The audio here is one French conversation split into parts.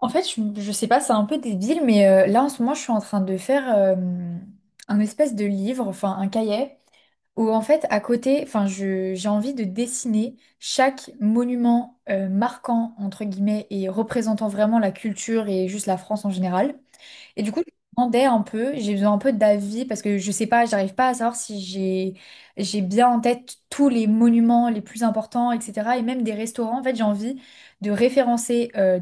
En fait, je sais pas, c'est un peu débile, mais là en ce moment, je suis en train de faire un espèce de livre, enfin un cahier, où en fait, à côté, enfin, j'ai envie de dessiner chaque monument marquant, entre guillemets, et représentant vraiment la culture et juste la France en général. Et du coup, je me demandais un peu, j'ai besoin un peu d'avis parce que je sais pas, j'arrive pas à savoir si j'ai bien en tête tous les monuments les plus importants, etc. Et même des restaurants. En fait, j'ai envie de référencer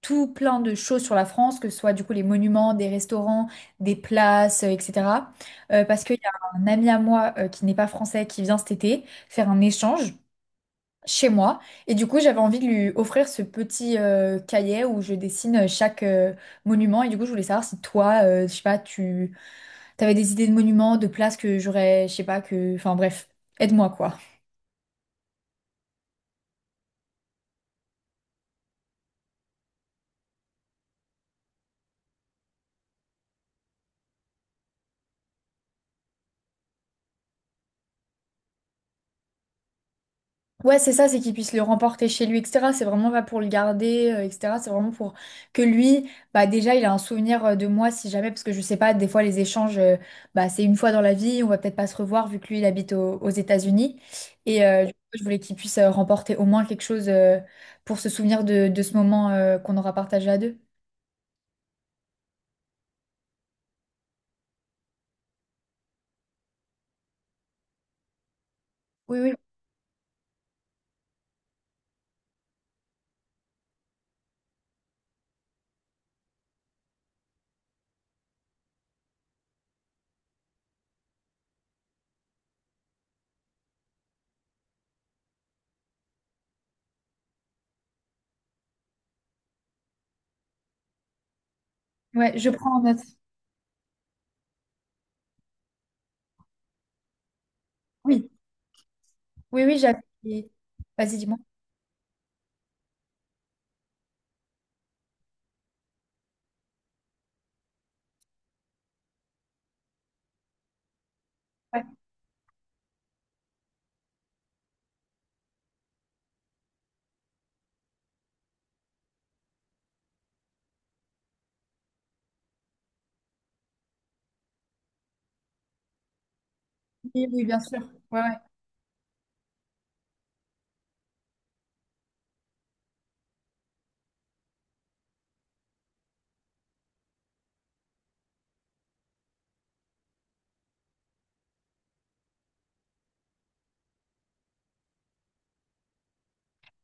tout plein de choses sur la France, que ce soit du coup les monuments, des restaurants, des places, etc. Parce qu'il y a un ami à moi qui n'est pas français qui vient cet été faire un échange chez moi. Et du coup, j'avais envie de lui offrir ce petit cahier où je dessine chaque monument. Et du coup, je voulais savoir si toi, je sais pas, tu avais des idées de monuments, de places que j'aurais, je sais pas, que... Enfin bref, aide-moi, quoi. Ouais, c'est ça, c'est qu'il puisse le remporter chez lui, etc. C'est vraiment pas pour le garder, etc. C'est vraiment pour que lui, bah déjà, il a un souvenir de moi, si jamais, parce que je sais pas, des fois, les échanges, bah c'est une fois dans la vie, on va peut-être pas se revoir, vu que lui, il habite aux États-Unis. Et du coup, je voulais qu'il puisse remporter au moins quelque chose pour se souvenir de ce moment qu'on aura partagé à deux. Oui, oui, ouais, je prends en note. Oui, oui, oui, j'avais. Vas-y, dis-moi. Oui, oui, bien sûr. Ouais, ouais.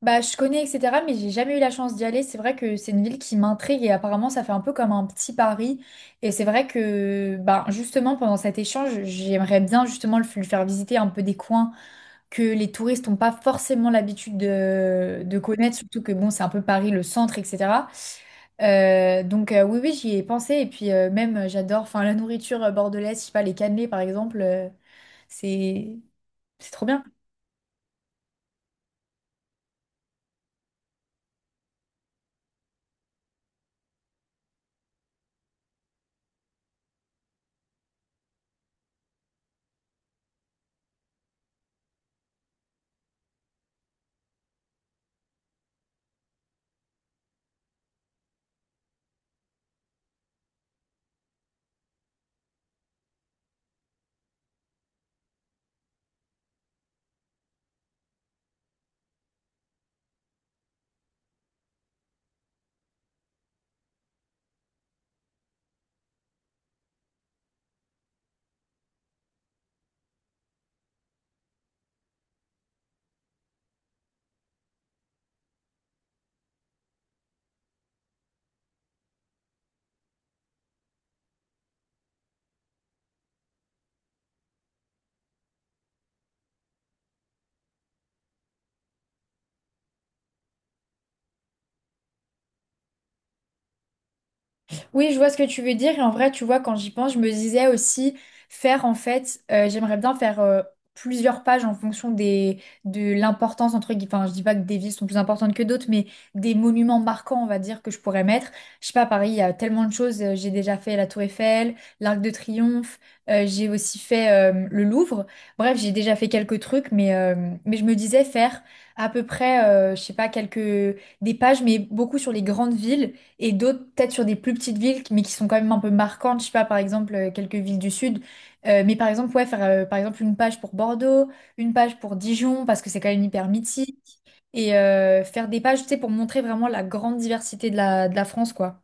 Bah, je connais, etc., mais j'ai jamais eu la chance d'y aller. C'est vrai que c'est une ville qui m'intrigue et apparemment, ça fait un peu comme un petit Paris. Et c'est vrai que, bah, justement, pendant cet échange, j'aimerais bien justement le lui faire visiter un peu des coins que les touristes n'ont pas forcément l'habitude de connaître, surtout que, bon, c'est un peu Paris, le centre, etc. Donc, oui, oui, j'y ai pensé. Et puis, même, j'adore, enfin, la nourriture bordelaise, je sais pas, les cannelés, par exemple, c'est c'est trop bien. Oui, je vois ce que tu veux dire. Et en vrai, tu vois, quand j'y pense, je me disais aussi faire, en fait, j'aimerais bien faire plusieurs pages en fonction des, de l'importance, entre guillemets, enfin, je dis pas que des villes sont plus importantes que d'autres, mais des monuments marquants, on va dire, que je pourrais mettre. Je sais pas, à Paris, il y a tellement de choses. J'ai déjà fait la Tour Eiffel, l'Arc de Triomphe, j'ai aussi fait le Louvre. Bref, j'ai déjà fait quelques trucs, mais mais je me disais faire à peu près, je sais pas, quelques, des pages, mais beaucoup sur les grandes villes et d'autres, peut-être sur des plus petites villes, mais qui sont quand même un peu marquantes. Je sais pas, par exemple, quelques villes du sud. Mais par exemple, ouais, faire par exemple une page pour Bordeaux, une page pour Dijon, parce que c'est quand même hyper mythique. Et faire des pages, tu sais, pour montrer vraiment la grande diversité de de la France, quoi.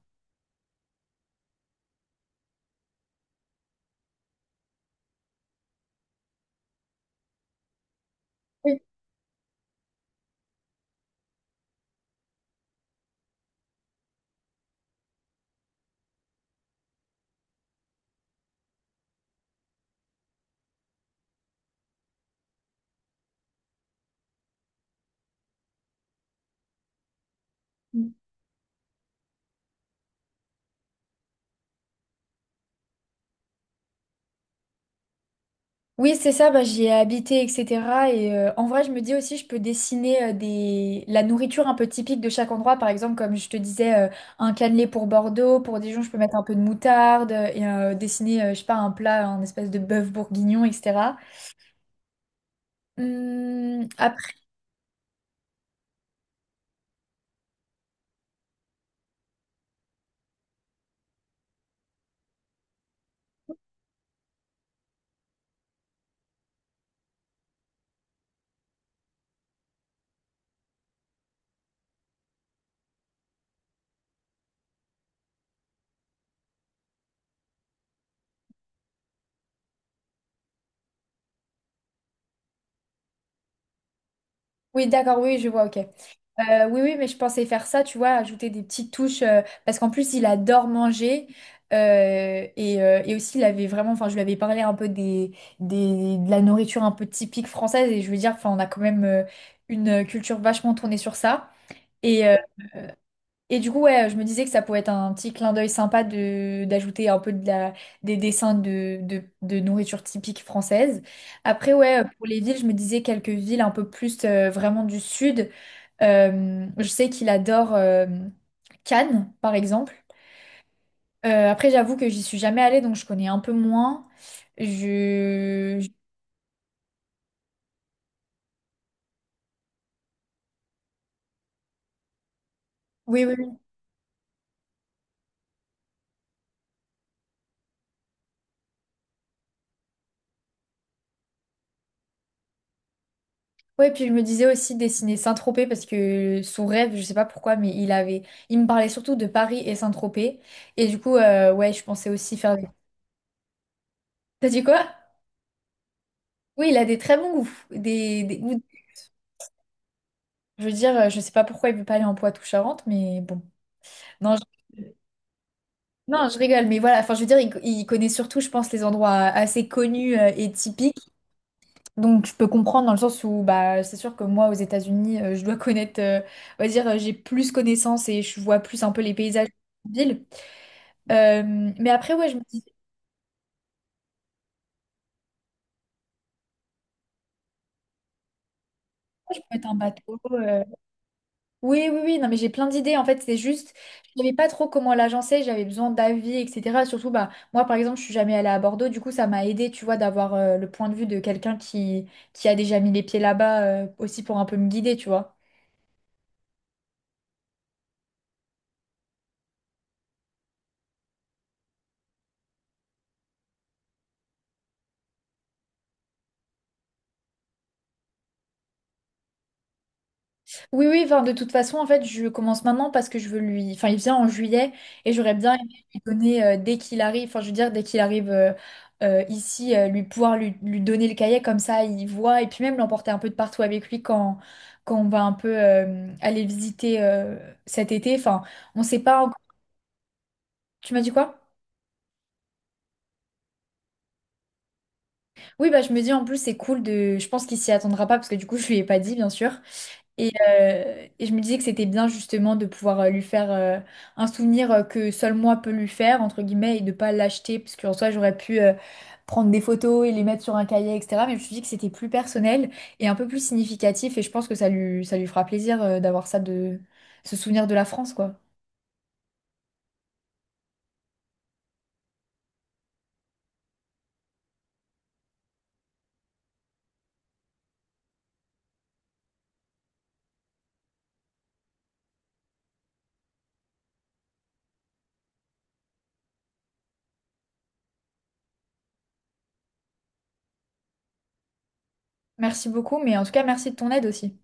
Oui. Oui, c'est ça, bah, j'y ai habité, etc. Et en vrai, je me dis aussi, je peux dessiner des... la nourriture un peu typique de chaque endroit. Par exemple, comme je te disais, un cannelé pour Bordeaux, pour Dijon, je peux mettre un peu de moutarde et dessiner, je sais pas, un plat, un espèce de bœuf bourguignon, etc. Hum. Oui, d'accord, oui, je vois, ok. Oui, oui, mais je pensais faire ça, tu vois, ajouter des petites touches, parce qu'en plus, il adore manger, et et aussi, il avait vraiment, enfin, je lui avais parlé un peu des, de la nourriture un peu typique française, et je veux dire, enfin, on a quand même une culture vachement tournée sur ça. Et et du coup, ouais, je me disais que ça pouvait être un petit clin d'œil sympa d'ajouter un peu de des dessins de nourriture typique française. Après, ouais, pour les villes, je me disais quelques villes un peu plus vraiment du sud. Je sais qu'il adore Cannes, par exemple. Après, j'avoue que j'y suis jamais allée, donc je connais un peu moins. Je... je- Oui, oui, oui. Ouais, puis je me disais aussi dessiner Saint-Tropez parce que son rêve, je sais pas pourquoi, mais il avait, il me parlait surtout de Paris et Saint-Tropez. Et du coup, ouais, je pensais aussi faire. T'as dit quoi? Oui, il a des très bons goûts. Des goûts. Je veux dire, je sais pas pourquoi il veut pas aller en Poitou-Charentes, mais bon. Non. Non, je rigole, mais voilà, enfin, je veux dire, il, il connaît surtout, je pense, les endroits assez connus et typiques. Donc, je peux comprendre dans le sens où, bah, c'est sûr que moi, aux États-Unis, je dois connaître, on va dire, j'ai plus connaissance et je vois plus un peu les paysages de la ville. Mais après, ouais, je me dis, je peux être un bateau. Oui, oui, oui, non, mais j'ai plein d'idées. En fait, c'est juste, je savais pas trop comment l'agencer, j'avais besoin d'avis, etc. Surtout, bah, moi, par exemple, je suis jamais allée à Bordeaux, du coup, ça m'a aidé, tu vois, d'avoir le point de vue de quelqu'un qui a déjà mis les pieds là-bas, aussi pour un peu me guider, tu vois. Oui, oui, enfin, de toute façon, en fait, je commence maintenant parce que je veux lui. Enfin, il vient en juillet et j'aurais bien aimé lui donner dès qu'il arrive, enfin, je veux dire, dès qu'il arrive ici, lui pouvoir lui donner le cahier comme ça, il voit et puis même l'emporter un peu de partout avec lui quand, quand on va un peu aller visiter cet été. Enfin, on sait pas encore. Tu m'as dit quoi? Oui, bah, je me dis en plus, c'est cool de. Je pense qu'il s'y attendra pas parce que du coup, je lui ai pas dit, bien sûr. Et et je me disais que c'était bien justement de pouvoir lui faire un souvenir que seul moi peux lui faire, entre guillemets, et de pas l'acheter, parce qu'en soi j'aurais pu prendre des photos et les mettre sur un cahier, etc. Mais je me suis dit que c'était plus personnel et un peu plus significatif, et je pense que ça lui fera plaisir d'avoir ça de ce souvenir de la France, quoi. Merci beaucoup, mais en tout cas merci de ton aide aussi.